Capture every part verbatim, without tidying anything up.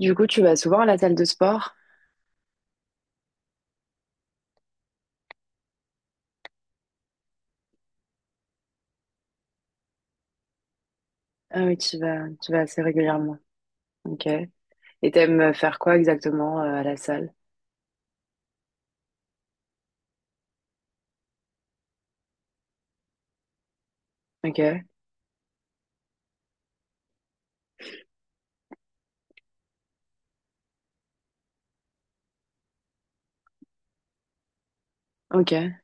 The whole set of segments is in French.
Du coup, tu vas souvent à la salle de sport? Ah oui, tu vas, tu vas assez régulièrement. Ok. Et t'aimes euh, faire quoi exactement euh, à la salle? Ok. Ok.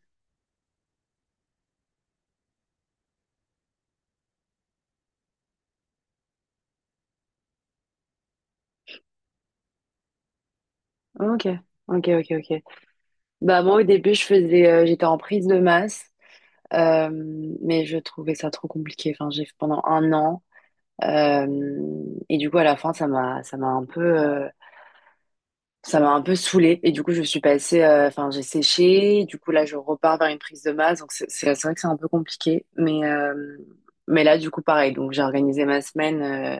Ok. Ok. Ok. Ok. Bah moi, au début, je faisais, euh, j'étais en prise de masse, euh, mais je trouvais ça trop compliqué. Enfin, j'ai fait pendant un an, euh, et du coup, à la fin, ça m'a, ça m'a un peu, euh, ça m'a un peu saoulée et du coup je suis passée, euh, enfin j'ai séché, du coup là je repars vers une prise de masse, donc c'est c'est- c'est vrai que c'est un peu compliqué, mais euh, mais là du coup pareil, donc j'ai organisé ma semaine euh,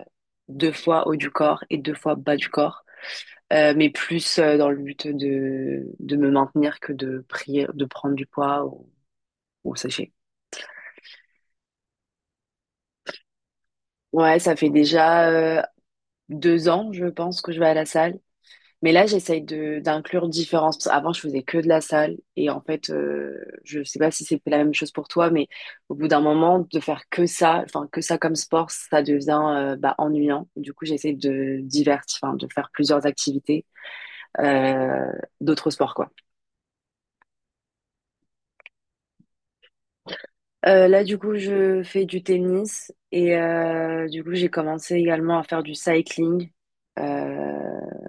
deux fois haut du corps et deux fois bas du corps, euh, mais plus euh, dans le but de de me maintenir que de prier, de prendre du poids ou, ou sécher. Ouais, ça fait déjà euh, deux ans je pense que je vais à la salle. Mais là, j'essaye de d'inclure différents, parce que avant, je faisais que de la salle. Et en fait, euh, je sais pas si c'était la même chose pour toi, mais au bout d'un moment, de faire que ça, enfin, que ça comme sport, ça devient euh, bah, ennuyant. Du coup, j'essaie de divertir, enfin, de faire plusieurs activités, euh, d'autres sports, quoi. Euh, là, du coup, je fais du tennis et euh, du coup, j'ai commencé également à faire du cycling. Euh,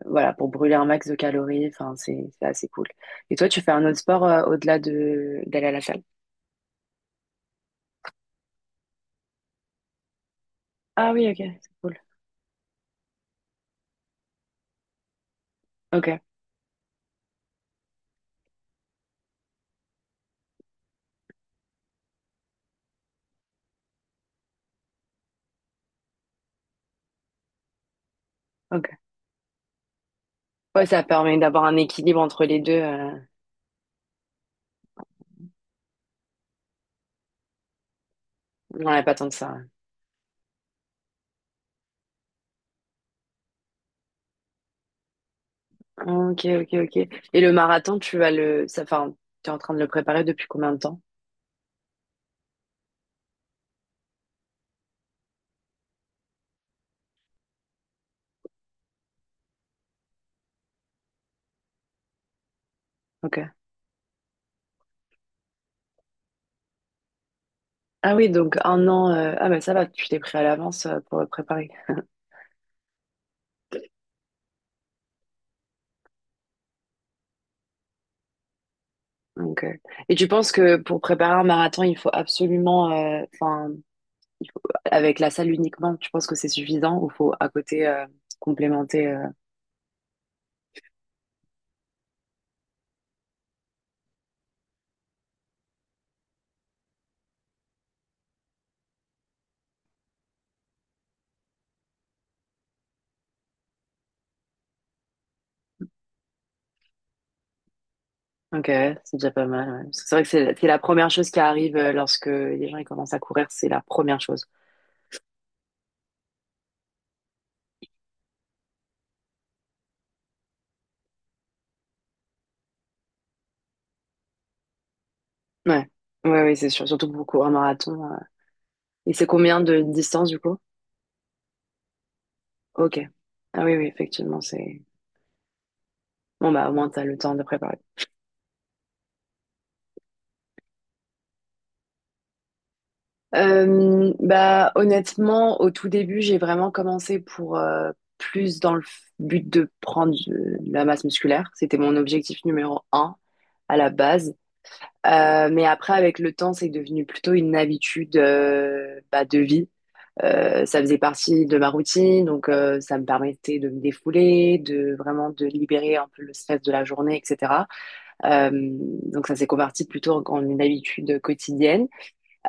voilà, pour brûler un max de calories. Enfin, c'est c'est assez cool. Et toi, tu fais un autre sport euh, au-delà de d'aller à la salle? Ah oui, ok, c'est cool. Ok, ok. Ouais, ça permet d'avoir un équilibre entre les deux. Euh... On n'a pas tant de ça. Ok, ok, ok. Et le marathon, tu vas le, ça, enfin, tu es en train de le préparer depuis combien de temps? Ok. Ah oui, donc un an. euh, Ah bah ça va, tu t'es pris à l'avance euh, pour le préparer. Ok. Et tu penses que pour préparer un marathon, il faut absolument, euh, enfin, il faut- avec la salle uniquement, tu penses que c'est suffisant ou faut à côté euh, complémenter euh, Ok, ouais, c'est déjà pas mal, ouais. Parce que c'est vrai que c'est c'est la première chose qui arrive euh, lorsque les gens ils commencent à courir, c'est la première chose. Ouais, ouais, oui, c'est sûr. Surtout pour courir un marathon. euh. Et c'est combien de distance du coup? Ok. Ah oui, oui, effectivement, c'est bon. Bah au moins t'as le temps de préparer. Euh, bah, honnêtement, au tout début, j'ai vraiment commencé pour euh, plus dans le f- but de prendre euh, de la masse musculaire. C'était mon objectif numéro un à la base. Euh, mais après, avec le temps, c'est devenu plutôt une habitude euh, bah, de vie. Euh, ça faisait partie de ma routine, donc euh, ça me permettait de me défouler, de vraiment de libérer un peu le stress de la journée, et cætera. Euh, donc ça s'est converti plutôt en une habitude quotidienne.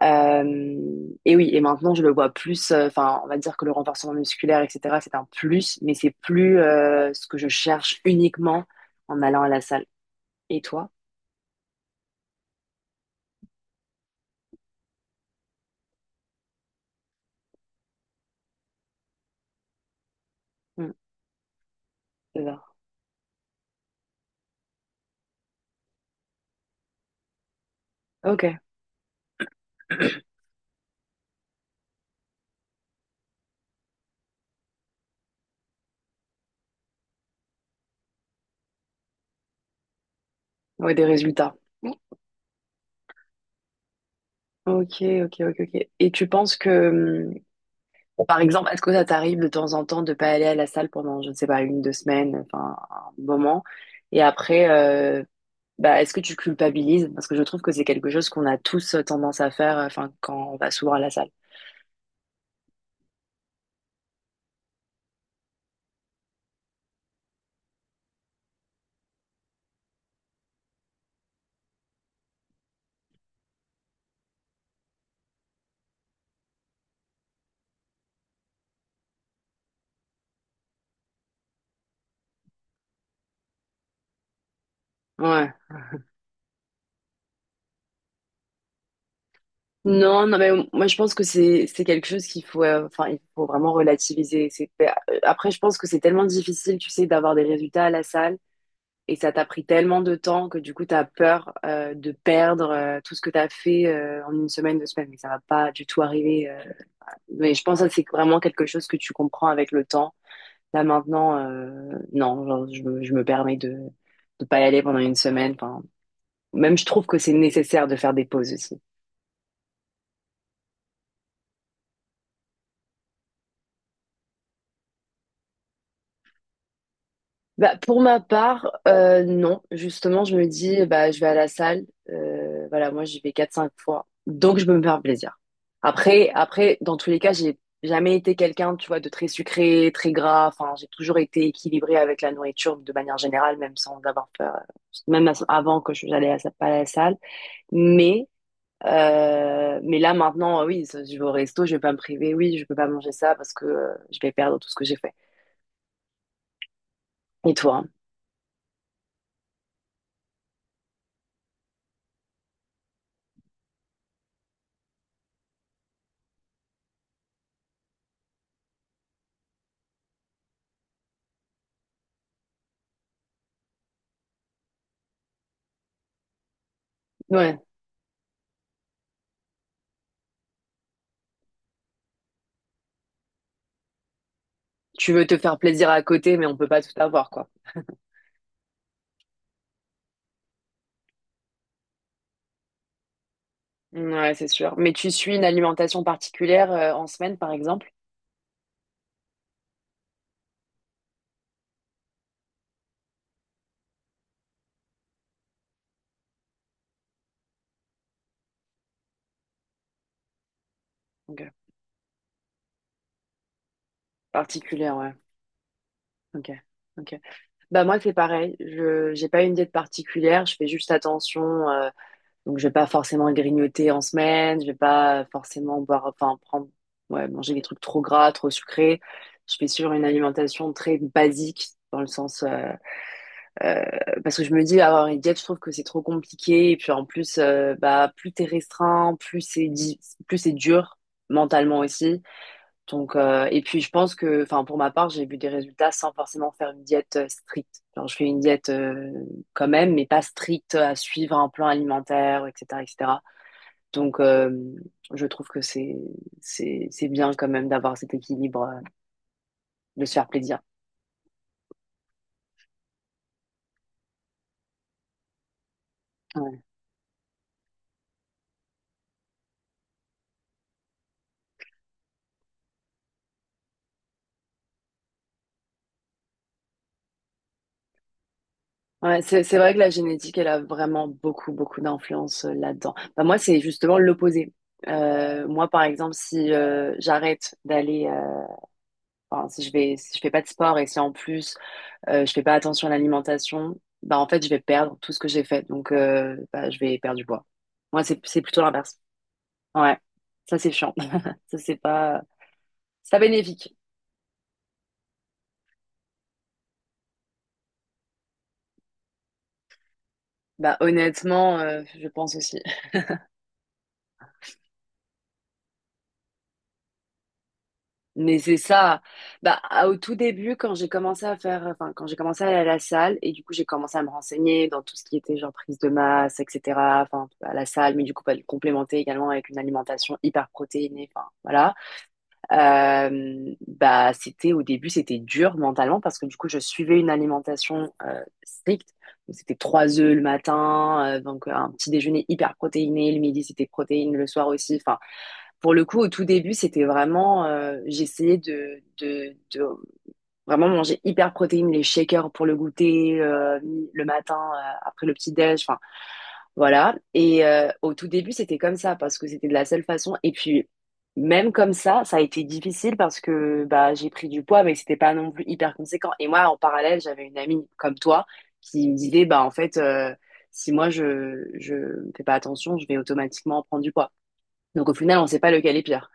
Euh, et oui, et maintenant je le vois plus, euh, enfin on va dire que le renforcement musculaire, et cætera, c'est un plus, mais c'est plus euh, ce que je cherche uniquement en allant à la salle. Et toi? Hmm, c'est ça. Ok, ouais, des résultats. Ok, ok, ok, ok. Et tu penses que, hum, par exemple, est-ce que ça t'arrive de temps en temps de pas aller à la salle pendant, je ne sais pas, une, deux semaines, enfin un moment, et après, euh, bah, est-ce que tu culpabilises? Parce que je trouve que c'est quelque chose qu'on a tous euh, tendance à faire, euh, enfin quand on va souvent à la salle. Ouais. Non, non, mais moi je pense que c'est c'est quelque chose qu'il faut, euh, enfin il faut vraiment relativiser. C'est, après je pense que c'est tellement difficile, tu sais, d'avoir des résultats à la salle et ça t'a pris tellement de temps que du coup t'as peur euh, de perdre euh, tout ce que t'as fait euh, en une semaine, deux semaines. Mais ça va pas du tout arriver. euh. Mais je pense que ça, c'est vraiment quelque chose que tu comprends avec le temps. Là maintenant, euh, non, genre, je, me- je me permets de de pas y aller pendant une semaine. Enfin, même je trouve que c'est nécessaire de faire des pauses aussi. Bah, pour ma part, euh, non. Justement, je me dis, bah, je vais à la salle. Euh, voilà, moi, j'y vais quatre cinq fois. Donc, je peux me faire plaisir. Après, après, dans tous les cas, j'ai jamais été quelqu'un, tu vois, de très sucré, très gras. Enfin, j'ai toujours été équilibrée avec la nourriture de manière générale, même sans avoir peur, euh, même avant que je- j'allais à, sa- pas à la salle. Mais, euh, mais là, maintenant, oui, je vais au resto, je vais pas me priver. Oui, je peux pas manger ça parce que euh, je vais perdre tout ce que j'ai fait. Et toi? Hein. Tu veux te faire plaisir à côté, mais on peut pas tout avoir, quoi. Ouais, c'est sûr. Mais tu suis une alimentation particulière euh, en semaine, par exemple? Ok. Particulière, ouais. Ok. Ok. Bah moi c'est pareil. Je j'ai pas une diète particulière. Je fais juste attention. euh, donc je vais pas forcément grignoter en semaine. Je vais pas forcément boire, enfin prendre, ouais, manger des trucs trop gras, trop sucrés. Je fais sur une alimentation très basique dans le sens. euh, Euh, Parce que je me dis, avoir une diète, je trouve que c'est trop compliqué. Et puis en plus, euh, bah, plus t'es restreint, plus c'est di- plus c'est dur mentalement aussi. Donc, euh, et puis je pense que, enfin, pour ma part, j'ai vu des résultats sans forcément faire une diète euh, stricte. Genre, je fais une diète euh, quand même, mais pas stricte à suivre un plan alimentaire, et cætera, et cætera. Donc, euh, je trouve que c'est c'est c'est bien quand même d'avoir cet équilibre, euh, de se faire plaisir. Ouais. Ouais, c'est c'est vrai que la génétique, elle a vraiment beaucoup, beaucoup d'influence euh, là-dedans. Bah, moi, c'est justement l'opposé. Euh, moi, par exemple, si euh, j'arrête d'aller, euh, enfin, si je vais, si je fais pas de sport et si en plus euh, je fais pas attention à l'alimentation, bah en fait, je vais perdre tout ce que j'ai fait. Donc, euh, bah, je vais perdre du poids. Moi, c'est c'est plutôt l'inverse. Ouais, ça c'est chiant. Ça c'est pas, c'est pas bénéfique. Bah honnêtement, euh, je pense aussi. Mais c'est ça. Bah, à- au tout début, quand j'ai commencé à faire, enfin, quand j'ai commencé à aller à la salle, et du coup, j'ai commencé à me renseigner dans tout ce qui était genre prise de masse, et cætera. Enfin, à la salle, mais du coup, pas le complémenter également avec une alimentation hyper protéinée. Enfin, voilà. Euh, bah, c'était au début, c'était dur mentalement parce que du coup, je suivais une alimentation euh, stricte. Donc, c'était trois œufs le matin, euh, donc un petit déjeuner hyper protéiné. Le midi, c'était protéines. Le soir aussi, enfin, pour le coup, au tout début, c'était vraiment, euh, j'essayais de, de, de vraiment manger hyper protéines, les shakers pour le goûter euh, le matin euh, après le petit déj, enfin voilà. Et euh, au tout début, c'était comme ça parce que c'était de la seule façon. Et puis même comme ça, ça a été difficile parce que bah j'ai pris du poids, mais c'était pas non plus hyper conséquent. Et moi, en parallèle, j'avais une amie comme toi qui me disait bah en fait, euh, si moi je je fais pas attention, je vais automatiquement prendre du poids. Donc au final, on sait pas lequel est pire.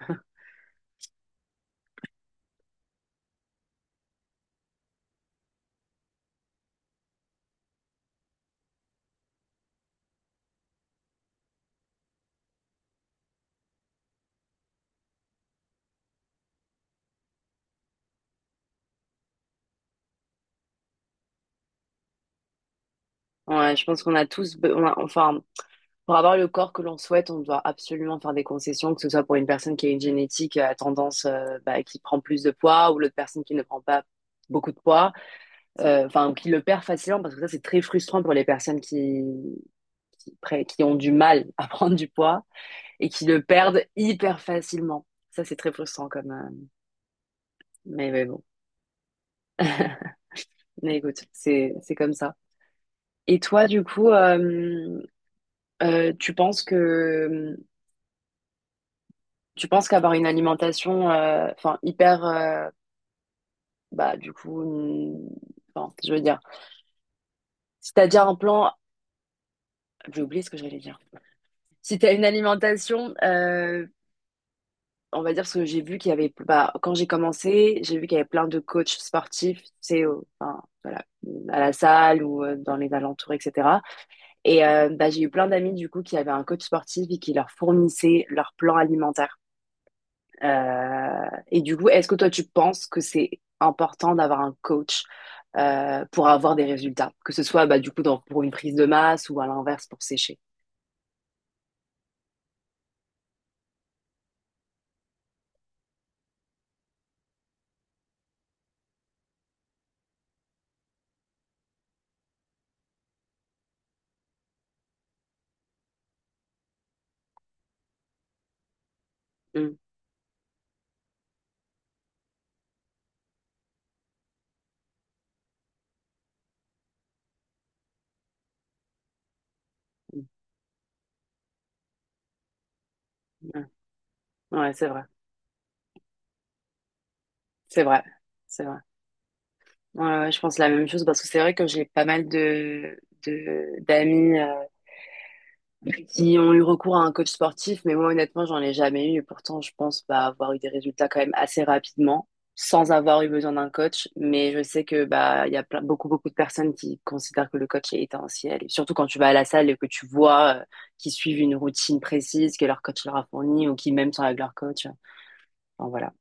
Ouais, je pense qu'on a tous, be- on a- enfin, pour avoir le corps que l'on souhaite, on doit absolument faire des concessions, que ce soit pour une personne qui a une génétique à tendance, euh, bah, qui prend plus de poids, ou l'autre personne qui ne prend pas beaucoup de poids, euh, enfin, ou qui le perd facilement, parce que ça, c'est très frustrant pour les personnes qui, qui, pré- qui ont du mal à prendre du poids et qui le perdent hyper facilement. Ça, c'est très frustrant comme, euh, mais, mais bon. Mais écoute, c'est, c'est comme ça. Et toi, du coup, euh, euh, tu penses que tu penses qu'avoir une alimentation, euh, enfin, hyper, euh, bah, du coup, une- enfin, je veux dire, si t'as déjà un plan, j'ai oublié ce que j'allais dire. Si t'as une alimentation, euh, on va dire ce que j'ai vu qu'il y avait, bah, quand j'ai commencé, j'ai vu qu'il y avait plein de coachs sportifs, tu sais, au- enfin, voilà, à la salle ou euh, dans les alentours, et cætera. Et euh, bah, j'ai eu plein d'amis, du coup, qui avaient un coach sportif et qui leur fournissait leur plan alimentaire. Euh, et du coup, est-ce que toi, tu penses que c'est important d'avoir un coach euh, pour avoir des résultats, que ce soit bah, du coup dans- pour une prise de masse ou à l'inverse pour sécher? Mm, mm, mm. Ouais, c'est vrai, c'est vrai, c'est vrai. Ouais, ouais, je pense la même chose parce que c'est vrai que j'ai pas mal de de- d'amis qui ont eu recours à un coach sportif, mais moi honnêtement, j'en ai jamais eu. Et pourtant, je pense bah, avoir eu des résultats quand même assez rapidement, sans avoir eu besoin d'un coach. Mais je sais que bah il y a plein, beaucoup beaucoup de personnes qui considèrent que le coach est essentiel. Et surtout quand tu vas à la salle et que tu vois euh, qu'ils suivent une routine précise que leur coach leur a fournie ou qui même sont avec leur coach. Enfin, voilà,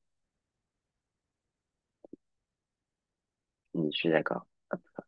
je suis d'accord.